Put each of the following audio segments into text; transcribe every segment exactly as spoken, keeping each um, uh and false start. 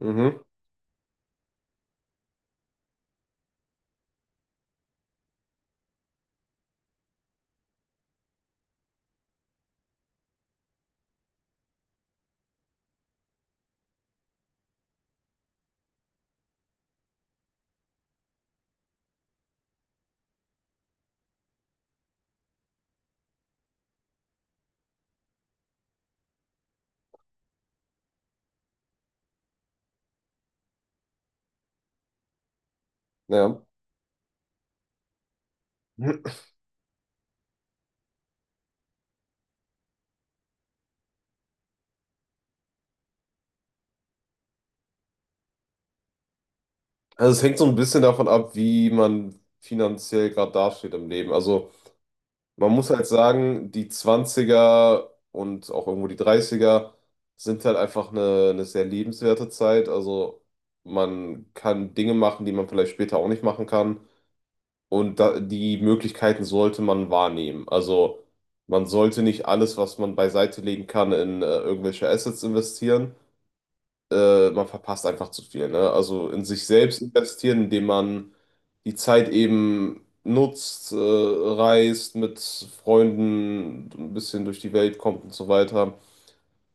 Mhm, ja. Also es hängt so ein bisschen davon ab, wie man finanziell gerade dasteht im Leben. Also man muss halt sagen, die Zwanziger und auch irgendwo die Dreißiger sind halt einfach eine, eine sehr lebenswerte Zeit. Also man kann Dinge machen, die man vielleicht später auch nicht machen kann. Und da, die Möglichkeiten sollte man wahrnehmen. Also man sollte nicht alles, was man beiseite legen kann, in äh, irgendwelche Assets investieren. Äh, man verpasst einfach zu viel, ne? Also in sich selbst investieren, indem man die Zeit eben nutzt, äh, reist, mit Freunden ein bisschen durch die Welt kommt und so weiter.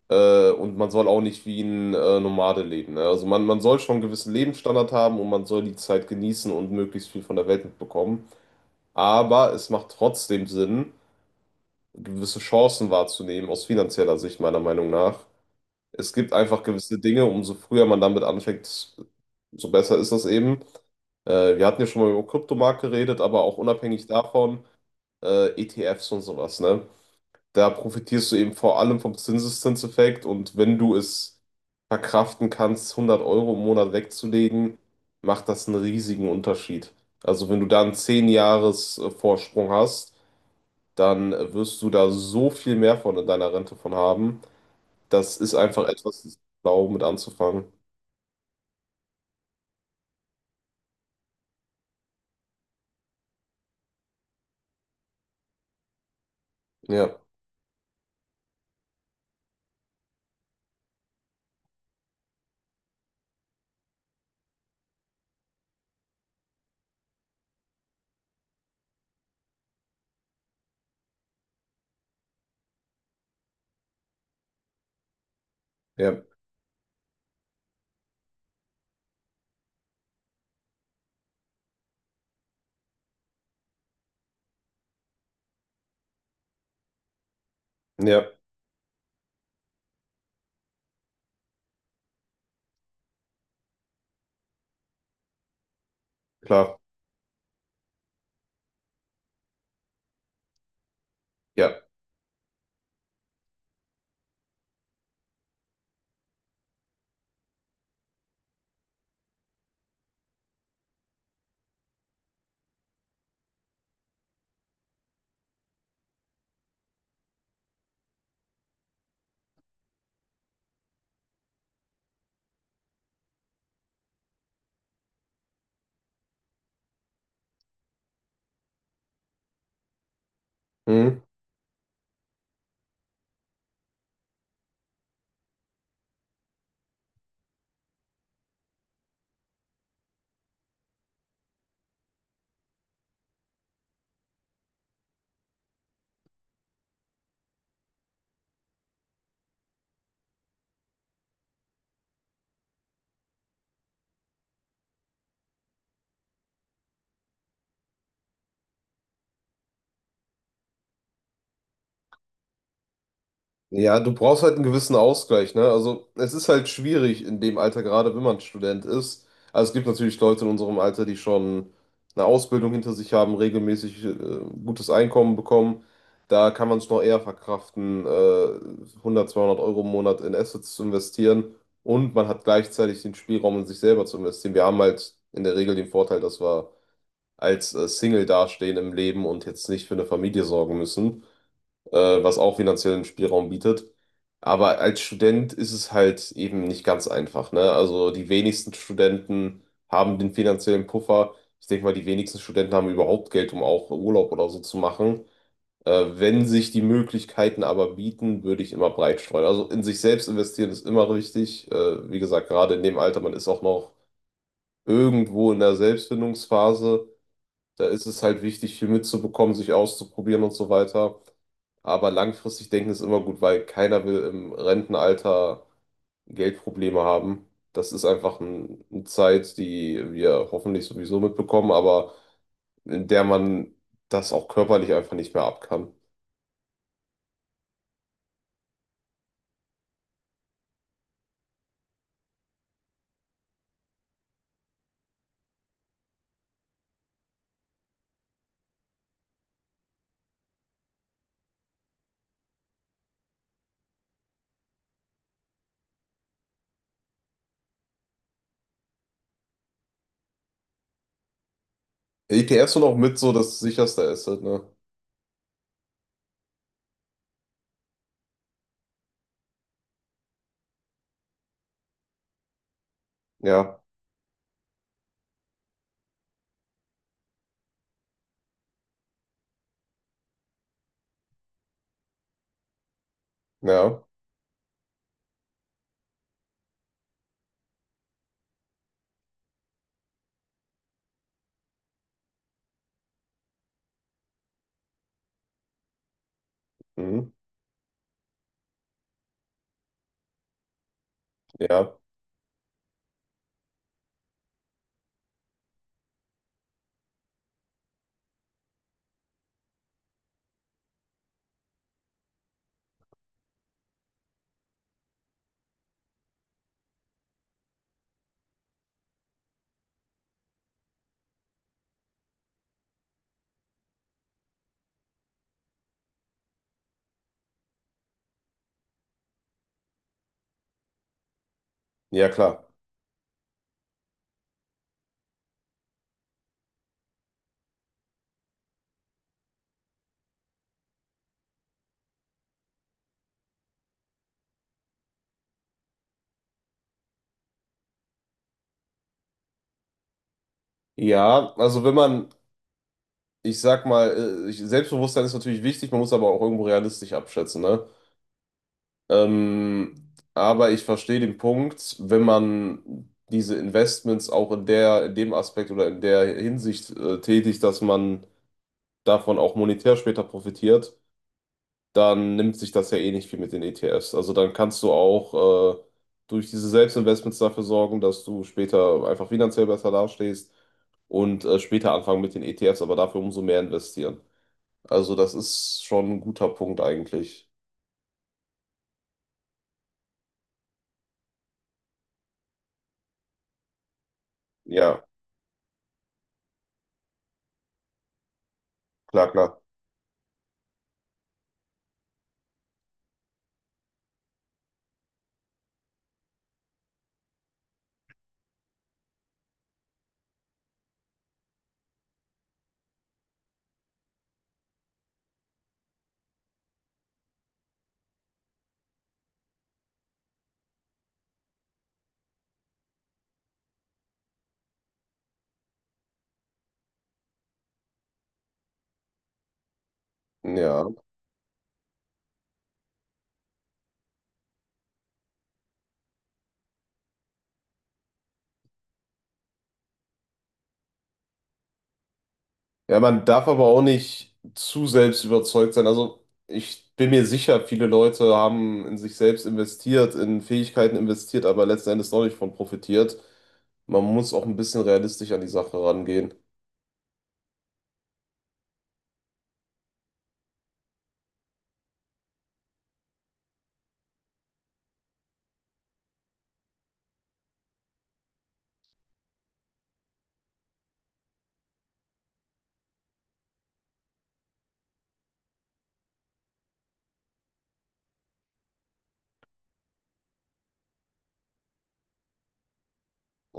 Äh, und man soll auch nicht wie ein äh, Nomade leben, ne? Also man, man soll schon einen gewissen Lebensstandard haben und man soll die Zeit genießen und möglichst viel von der Welt mitbekommen. Aber es macht trotzdem Sinn, gewisse Chancen wahrzunehmen, aus finanzieller Sicht meiner Meinung nach. Es gibt einfach gewisse Dinge, umso früher man damit anfängt, so besser ist das eben. Äh, wir hatten ja schon mal über Kryptomarkt geredet, aber auch unabhängig davon, äh, E T Fs und sowas, ne? Da profitierst du eben vor allem vom Zinseszinseffekt und wenn du es verkraften kannst, hundert Euro im Monat wegzulegen, macht das einen riesigen Unterschied. Also wenn du da einen zehn-Jahres-Vorsprung hast, dann äh, wirst du da so viel mehr von in deiner Rente von haben. Das ist einfach etwas, das blau mit anzufangen. Ja, ja, ja, klar, ja. Mhm. Ja, du brauchst halt einen gewissen Ausgleich, ne? Also es ist halt schwierig in dem Alter, gerade wenn man Student ist. Also es gibt natürlich Leute in unserem Alter, die schon eine Ausbildung hinter sich haben, regelmäßig äh, gutes Einkommen bekommen. Da kann man es noch eher verkraften, äh, hundert, zweihundert Euro im Monat in Assets zu investieren. Und man hat gleichzeitig den Spielraum, in sich selber zu investieren. Wir haben halt in der Regel den Vorteil, dass wir als äh, Single dastehen im Leben und jetzt nicht für eine Familie sorgen müssen, äh, was auch finanziellen Spielraum bietet. Aber als Student ist es halt eben nicht ganz einfach, ne? Also die wenigsten Studenten haben den finanziellen Puffer. Ich denke mal, die wenigsten Studenten haben überhaupt Geld, um auch Urlaub oder so zu machen. Äh, wenn sich die Möglichkeiten aber bieten, würde ich immer breit streuen. Also in sich selbst investieren ist immer wichtig. Äh, wie gesagt, gerade in dem Alter, man ist auch noch irgendwo in der Selbstfindungsphase. Da ist es halt wichtig, viel mitzubekommen, sich auszuprobieren und so weiter. Aber langfristig denken ist immer gut, weil keiner will im Rentenalter Geldprobleme haben. Das ist einfach ein, eine Zeit, die wir hoffentlich sowieso mitbekommen, aber in der man das auch körperlich einfach nicht mehr ab kann. E T Fs sind auch mit so das sicherste Asset, ne? Ja, ja, mhm, ja, ja, klar. Ja, also wenn man, ich sag mal, äh, ich- Selbstbewusstsein ist natürlich wichtig, man muss aber auch irgendwo realistisch abschätzen, ne? Ähm, aber ich verstehe den Punkt, wenn man diese Investments auch in der, in dem Aspekt oder in der Hinsicht äh, tätigt, dass man davon auch monetär später profitiert, dann nimmt sich das ja eh nicht viel mit den E T Fs. Also dann kannst du auch äh, durch diese Selbstinvestments dafür sorgen, dass du später einfach finanziell besser dastehst und äh, später anfangen mit den E T Fs, aber dafür umso mehr investieren. Also das ist schon ein guter Punkt eigentlich. Ja, klar, klar. Ja. Ja, man darf aber auch nicht zu selbst überzeugt sein. Also ich bin mir sicher, viele Leute haben in sich selbst investiert, in Fähigkeiten investiert, aber letzten Endes noch nicht von profitiert. Man muss auch ein bisschen realistisch an die Sache rangehen.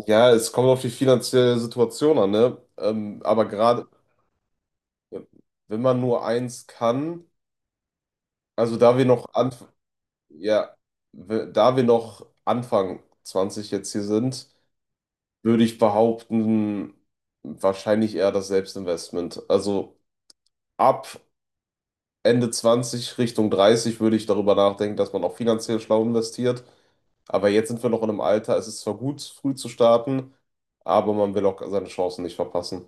Ja, es kommt auf die finanzielle Situation an, ne? Ähm, aber gerade, ja, wenn man nur eins kann, also da wir noch anf ja, we- da wir noch Anfang zwanzig jetzt hier sind, würde ich behaupten, wahrscheinlich eher das Selbstinvestment. Also ab Ende zwanzig Richtung dreißig würde ich darüber nachdenken, dass man auch finanziell schlau investiert. Aber jetzt sind wir noch in einem Alter, es ist zwar gut, früh zu starten, aber man will auch seine Chancen nicht verpassen.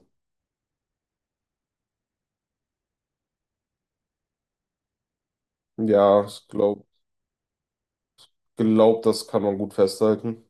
Ja, ich glaube, glaub, glaub, das kann man gut festhalten.